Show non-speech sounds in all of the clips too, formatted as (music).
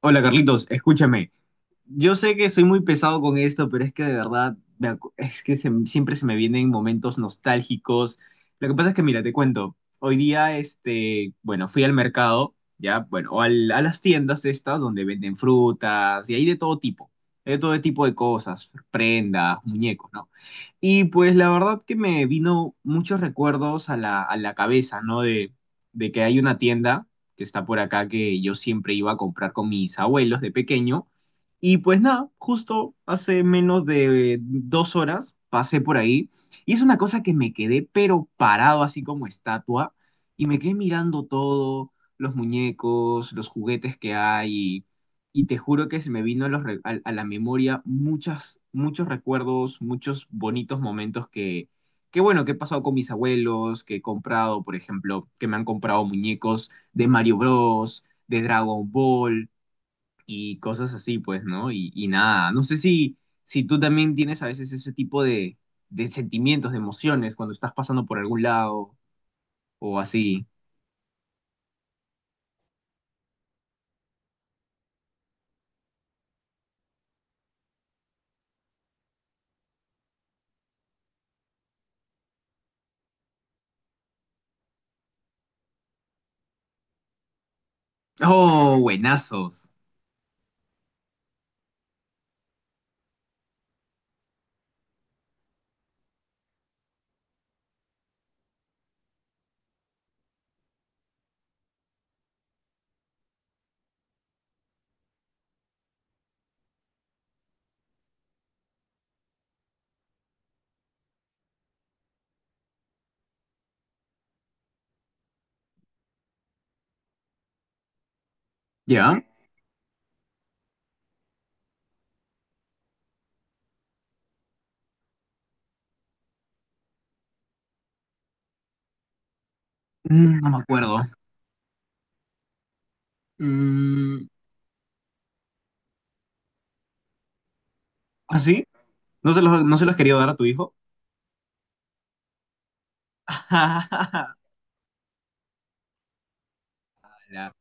Hola Carlitos, escúchame. Yo sé que soy muy pesado con esto, pero es que de verdad, me acu- es que se- siempre se me vienen momentos nostálgicos. Lo que pasa es que, mira, te cuento. Hoy día, este, bueno, fui al mercado, ya, bueno, a las tiendas estas donde venden frutas y hay de todo tipo. Hay de todo tipo de cosas, prendas, muñecos, ¿no? Y pues la verdad que me vino muchos recuerdos a la cabeza, ¿no? De que hay una tienda que está por acá que yo siempre iba a comprar con mis abuelos de pequeño. Y pues nada, justo hace menos de dos horas pasé por ahí y es una cosa que me quedé pero parado así como estatua y me quedé mirando todo, los muñecos, los juguetes que hay y te juro que se me vino a, los re- a la memoria muchos recuerdos, muchos bonitos momentos que bueno, que he pasado con mis abuelos, que he comprado, por ejemplo, que me han comprado muñecos de Mario Bros, de Dragon Ball y cosas así, pues, ¿no? Y nada, no sé si tú también tienes a veces ese tipo de sentimientos, de emociones cuando estás pasando por algún lado o así. Oh, buenazos. ¿Ya? Mm, no me acuerdo. Mm. ¿Ah, sí? ¿No se los, no se los quería dar a tu hijo? (laughs) Ala.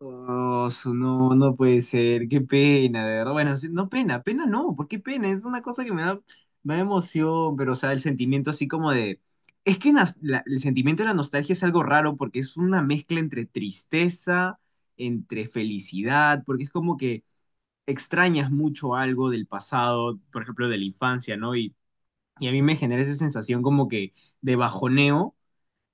Oh, no, no puede ser, qué pena, de verdad. Bueno, sí, no pena, pena no, ¿por qué pena? Es una cosa que me da emoción, pero o sea, el sentimiento así como de... Es que el sentimiento de la nostalgia es algo raro porque es una mezcla entre tristeza, entre felicidad, porque es como que extrañas mucho algo del pasado, por ejemplo, de la infancia, ¿no? Y a mí me genera esa sensación como que de bajoneo,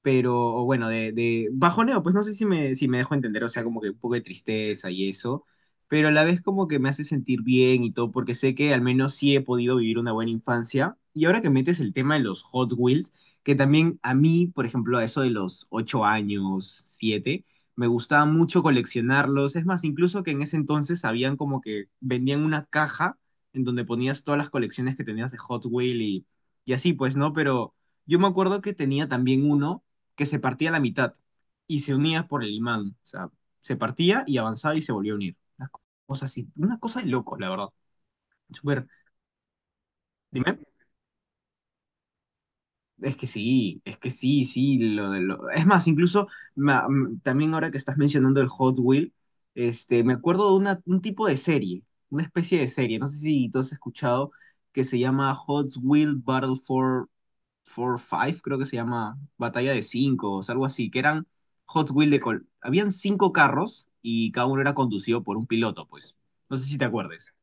pero bueno, de bajoneo, pues no sé si me dejo entender, o sea, como que un poco de tristeza y eso, pero a la vez como que me hace sentir bien y todo, porque sé que al menos sí he podido vivir una buena infancia. Y ahora que metes el tema de los Hot Wheels, que también a mí, por ejemplo, a eso de los 8 años, siete, me gustaba mucho coleccionarlos. Es más, incluso que en ese entonces habían como que vendían una caja en donde ponías todas las colecciones que tenías de Hot Wheels y así, pues, ¿no? Pero yo me acuerdo que tenía también uno que se partía a la mitad y se unía por el imán. O sea, se partía y avanzaba y se volvió a unir. Una cosa así, una cosa de loco, la verdad. Súper. Dime. Es que sí, de lo... Es más, incluso también ahora que estás mencionando el Hot Wheel, este, me acuerdo un tipo de serie, una especie de serie, no sé si tú has escuchado, que se llama Hot Wheel Battle for Five, creo que se llama Batalla de Cinco, o sea, algo así, que eran Hot Wheel Habían cinco carros y cada uno era conducido por un piloto, pues. No sé si te acuerdes.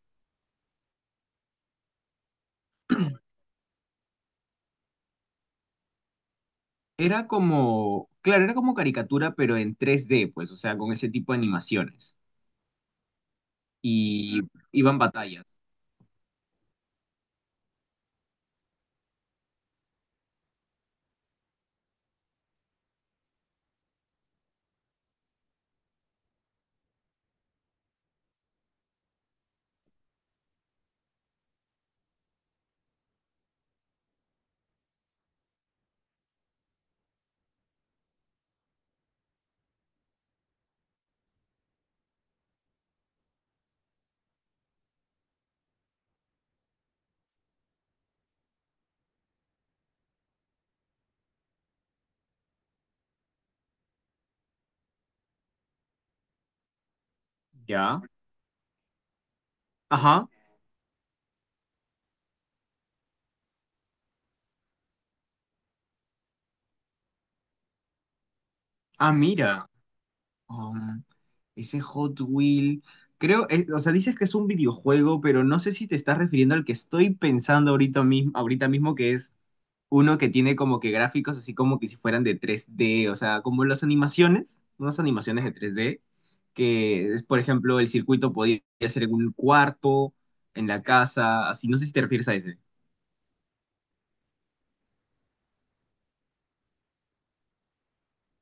Era como, claro, era como caricatura, pero en 3D, pues, o sea, con ese tipo de animaciones. Y iban batallas. ¿Ya? Ajá. Ah, mira. Um, ese Hot Wheel. Creo, es- o sea, dices que es un videojuego, pero no sé si te estás refiriendo al que estoy pensando ahorita mismo, que es uno que tiene como que gráficos así como que si fueran de tres d, o sea, como las animaciones, unas animaciones de tres d, que es, por ejemplo, el circuito podía ser en un cuarto, en la casa, así, no sé si te refieres a ese.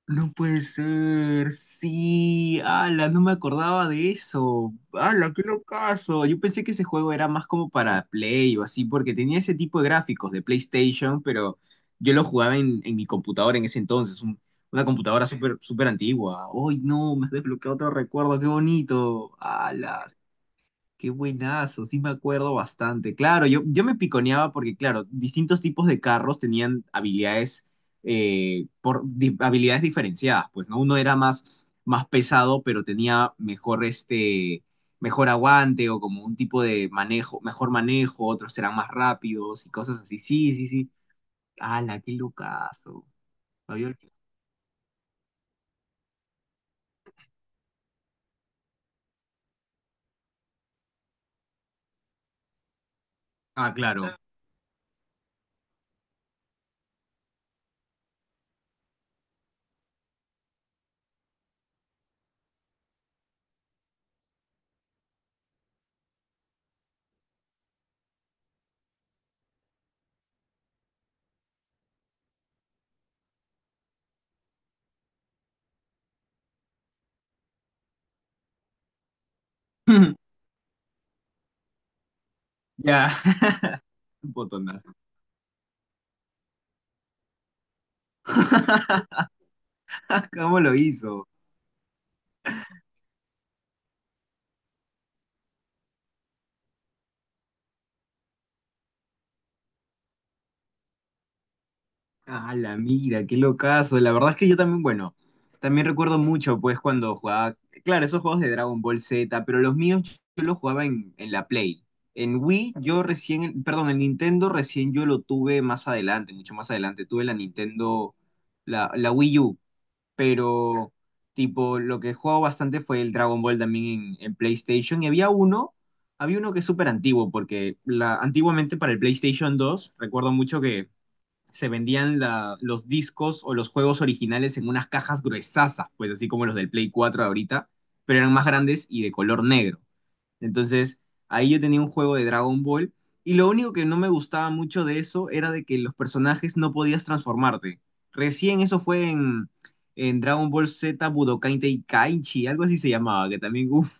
No puede ser, sí, ala, no me acordaba de eso, ala, qué locazo, yo pensé que ese juego era más como para Play o así, porque tenía ese tipo de gráficos de PlayStation, pero yo lo jugaba en mi computadora en ese entonces, una computadora súper súper antigua. ¡Ay, no, me has desbloqueado otro recuerdo, qué bonito, ala! Qué buenazo, sí me acuerdo bastante. Claro, yo me piconeaba porque, claro, distintos tipos de carros tenían habilidades, habilidades diferenciadas, pues, ¿no? Uno era más, más pesado, pero tenía mejor, este, mejor aguante o como un tipo de manejo, mejor manejo, otros eran más rápidos y cosas así. Sí, sí, sí. ¡Hala, qué locazo! Lo había olvidado. Ah, claro. (laughs) Ya. (laughs) Botonazo. (laughs) ¿Cómo lo hizo? Ah, la mira, qué locazo. La verdad es que yo también, bueno, también recuerdo mucho, pues, cuando jugaba, claro, esos juegos de Dragon Ball Z, pero los míos yo los jugaba en la Play. En Wii, yo recién, perdón, en Nintendo recién yo lo tuve más adelante, mucho más adelante. Tuve la Nintendo, la Wii U, pero, tipo, lo que jugaba bastante fue el Dragon Ball también en PlayStation. Y había uno que es súper antiguo, porque la, antiguamente para el PlayStation 2, recuerdo mucho que se vendían los discos o los juegos originales en unas cajas gruesasas, pues así como los del Play 4 de ahorita, pero eran más grandes y de color negro. Entonces, ahí yo tenía un juego de Dragon Ball y lo único que no me gustaba mucho de eso era de que los personajes no podías transformarte. Recién eso fue en Dragon Ball Z Budokai Tenkaichi, algo así se llamaba, que también, uff,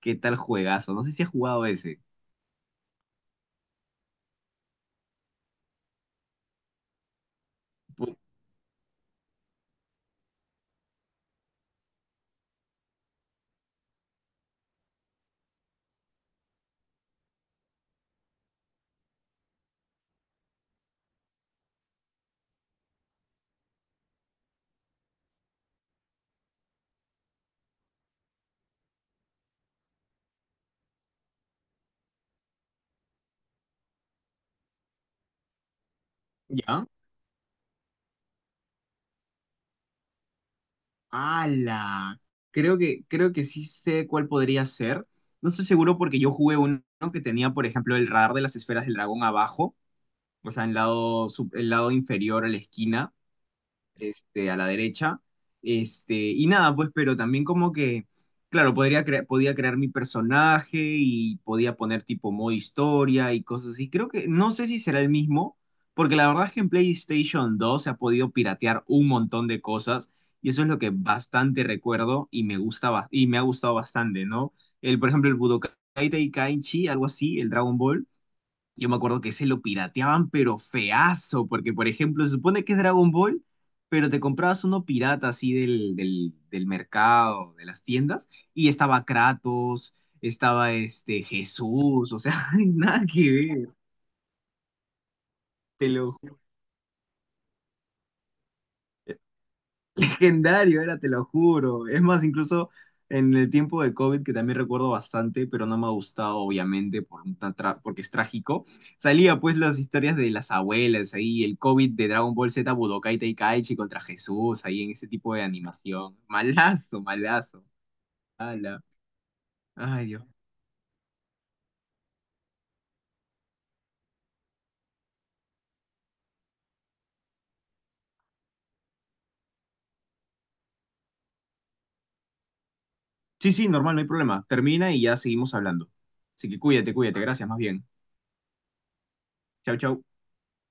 qué tal juegazo. No sé si has jugado ese. ¿Ya? Ala, creo que sí sé cuál podría ser. No estoy seguro porque yo jugué uno que tenía, por ejemplo, el radar de las esferas del dragón abajo, o sea, en lado, el lado inferior a la esquina, este, a la derecha. Este, y nada, pues, pero también como que, claro, podía crear mi personaje y podía poner tipo modo historia y cosas así. Creo que, no sé si será el mismo, porque la verdad es que en PlayStation 2 se ha podido piratear un montón de cosas y eso es lo que bastante recuerdo y me gustaba, y me ha gustado bastante, ¿no? El, por ejemplo, el Budokai Tenkaichi, algo así, el Dragon Ball, yo me acuerdo que se lo pirateaban, pero feazo, porque por ejemplo, se supone que es Dragon Ball, pero te comprabas uno pirata así del mercado, de las tiendas, y estaba Kratos, estaba este Jesús, o sea, (laughs) nada que ver, te lo juro. Legendario era, te lo juro. Es más, incluso en el tiempo de COVID, que también recuerdo bastante, pero no me ha gustado, obviamente, porque es trágico, salía pues las historias de las abuelas ahí, el COVID de Dragon Ball Z, Budokai Tenkaichi contra Jesús, ahí en ese tipo de animación. Malazo, malazo. Ala. Ay, Dios. Sí, sí, normal, no hay problema. Termina y ya seguimos hablando. Así que cuídate, cuídate. Gracias, más bien. Chau, chau.